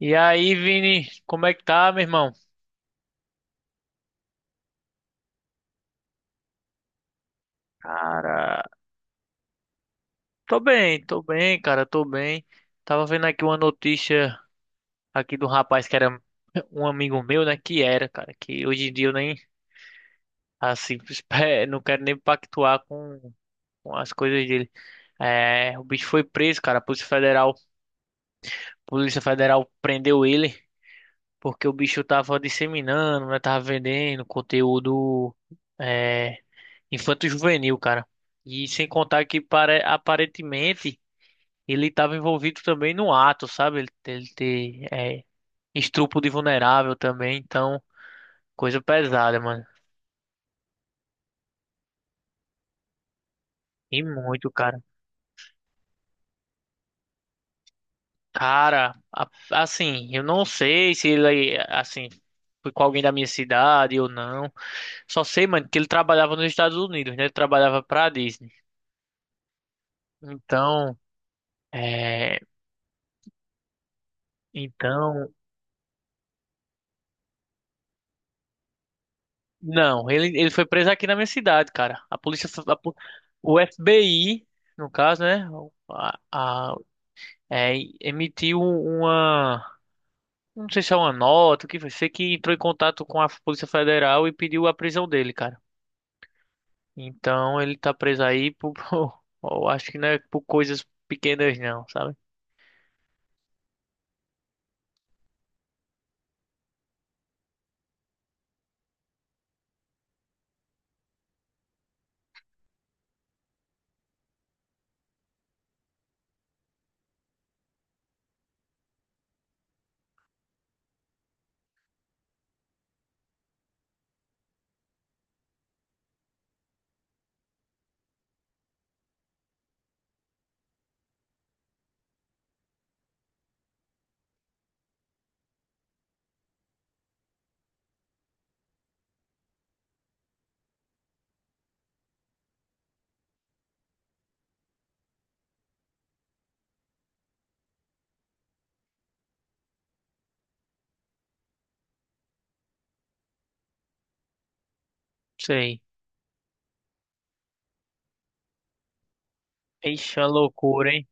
E aí, Vini, como é que tá, meu irmão? Cara, tô bem, cara, tô bem. Tava vendo aqui uma notícia aqui do rapaz que era um amigo meu, né? Que era, cara, que hoje em dia eu nem, assim, não quero nem pactuar com as coisas dele. É, o bicho foi preso, cara, a Polícia Federal prendeu ele porque o bicho tava disseminando, né? Tava vendendo conteúdo. é, Infanto-juvenil, cara. E sem contar que aparentemente ele estava envolvido também no ato, sabe? Ele estupro de vulnerável também, então coisa pesada, mano. E muito, cara. Cara, assim, eu não sei se ele, assim, foi com alguém da minha cidade ou não. Só sei, mano, que ele trabalhava nos Estados Unidos, né? Ele trabalhava pra Disney. Então, é, então Não, ele foi preso aqui na minha cidade, cara. A polícia, o FBI, no caso, né? A, a- é, emitiu não sei se é uma nota, o que foi, sei que entrou em contato com a Polícia Federal e pediu a prisão dele, cara. Então ele tá preso aí por, eu acho que não é por coisas pequenas, não, sabe? Sei. Ixi, é uma loucura, hein?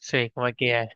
Sei como é que é.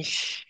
Ixi,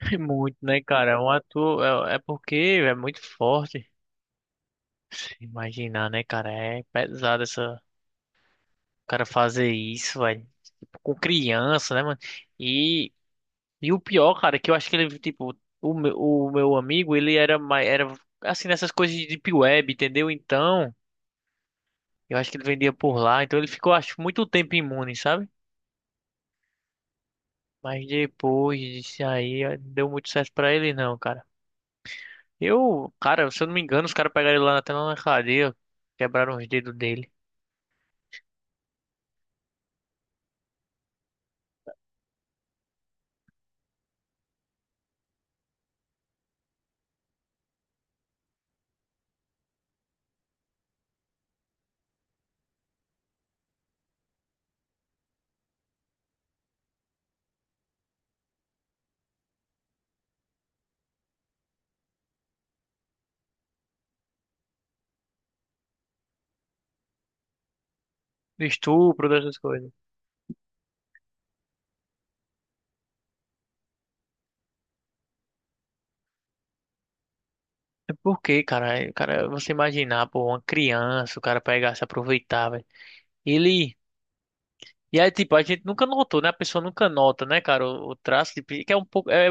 é muito, né, cara? É um ator é porque é muito forte. Se imaginar, né, cara? É pesado essa, o cara fazer isso, velho. Com criança, né, mano? E, e o pior, cara, é que eu acho que ele, tipo, o meu amigo, ele era assim, nessas coisas de deep web, entendeu? Então, eu acho que ele vendia por lá, então ele ficou, acho, muito tempo imune, sabe? Mas depois disso aí, não deu muito certo pra ele, não, cara. Eu, cara, se eu não me engano, os caras pegaram ele lá até lá na cadeia, quebraram os dedos dele. Do estupro, dessas coisas. É porque, cara, cara, você imaginar, pô, uma criança, o cara pegar, se aproveitar, velho. Ele. E aí, tipo, a gente nunca notou, né? A pessoa nunca nota, né, cara, o traço de. Que é um pouco. É,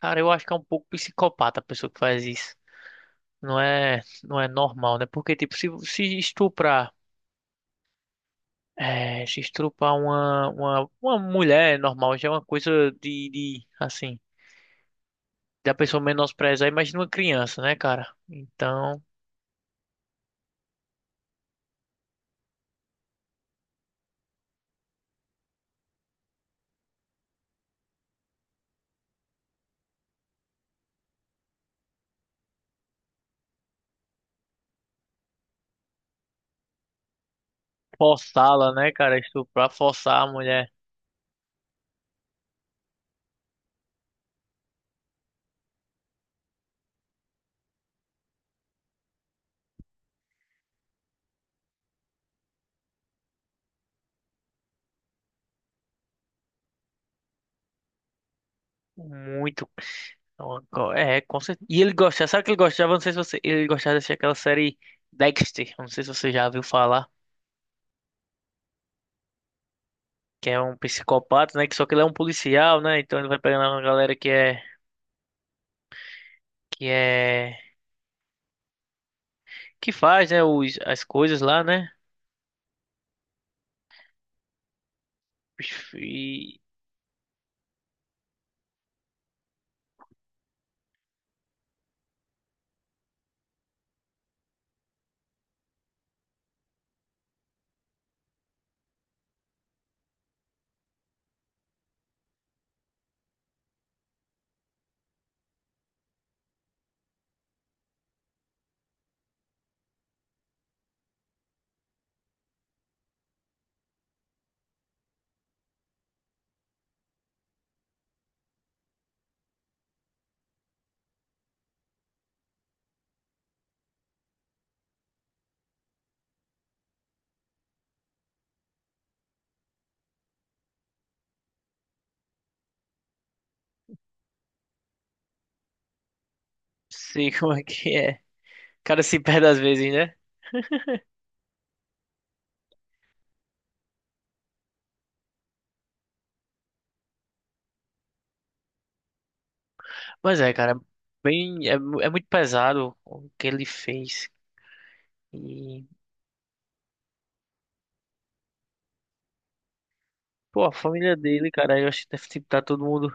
cara, eu acho que é um pouco psicopata a pessoa que faz isso. Não é normal, né? Porque, tipo, se estuprar. É, se estuprar uma mulher é normal já é uma coisa de, de. Assim. Da pessoa menosprezar, imagina uma criança, né, cara? Então. Forçá-la, né, cara? Estuprar, forçar a mulher. Muito. É, com certeza. E ele gostava, sabe o que ele gostava? Não sei se você. Ele gostava de assistir aquela série Dexter. Não sei se você já viu falar. Que é um psicopata, né? Que só que ele é um policial, né? Então ele vai pegando uma galera que é. Que é. Que faz, né? As coisas lá, né? E. Sei como é que é. O cara se perde às vezes, né? Mas é, cara. Bem. É, é muito pesado o que ele fez. E. Pô, a família dele, cara. Eu acho que deve estar todo mundo.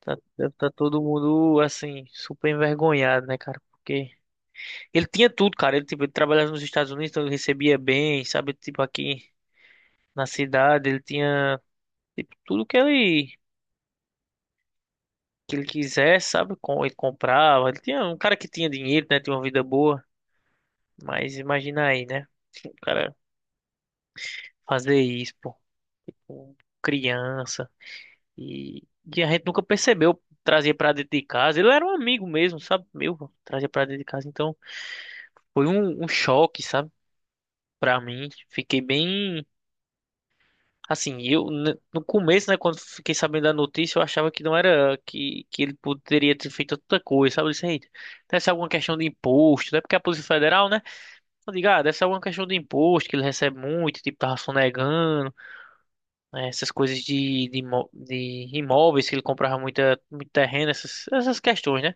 Tá, deve tá todo mundo, assim, super envergonhado, né, cara? Porque ele tinha tudo, cara. Ele, tipo, ele trabalhava nos Estados Unidos, então ele recebia bem, sabe? Tipo, aqui na cidade, ele tinha, tipo, tudo que ele quisesse, sabe? Com, ele comprava. Ele tinha um cara que tinha dinheiro, né? Tinha uma vida boa. Mas imagina aí, né? O cara fazer isso, pô, com criança. E, e a gente nunca percebeu. Trazia pra dentro de casa. Ele era um amigo mesmo, sabe? Meu, trazia pra dentro de casa. Então, foi um choque, sabe? Pra mim, fiquei bem. Assim, no começo, né, quando fiquei sabendo da notícia, eu achava que não era que ele poderia ter feito tanta coisa, sabe? Eu disse, "Eita, deve ser alguma questão de imposto, né? Porque a Polícia Federal, né? Eu digo, ah, deve ser alguma questão de imposto, que ele recebe muito, tipo, tava sonegando, né, essas coisas de imóveis, que ele comprava muito terreno, essas questões, né?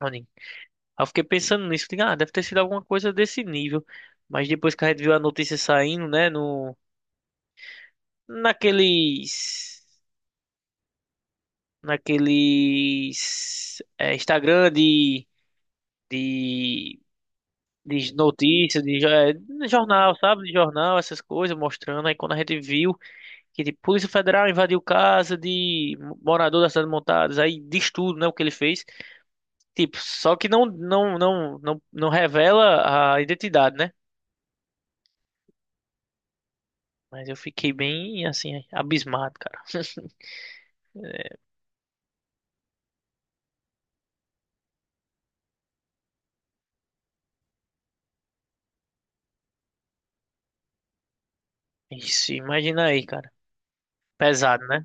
Eu digo, aí eu fiquei pensando nisso, digo, ah, deve ter sido alguma coisa desse nível. Mas depois que a gente viu a notícia saindo, né, no. naqueles naqueles Instagram de de notícias de, de jornal, sabe, de jornal, essas coisas mostrando aí quando a gente viu que tipo, Polícia Federal invadiu casa de morador da cidade Montadas, aí diz tudo, né, o que ele fez, tipo, só que não revela a identidade, né. Mas eu fiquei bem assim abismado, cara. Isso, imagina aí, cara. Pesado, né?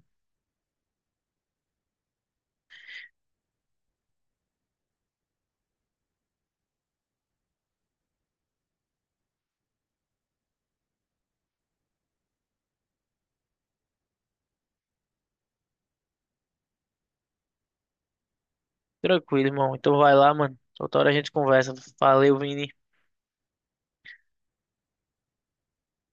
Tranquilo, irmão. Então vai lá, mano. Outra hora a gente conversa. Valeu, Vini.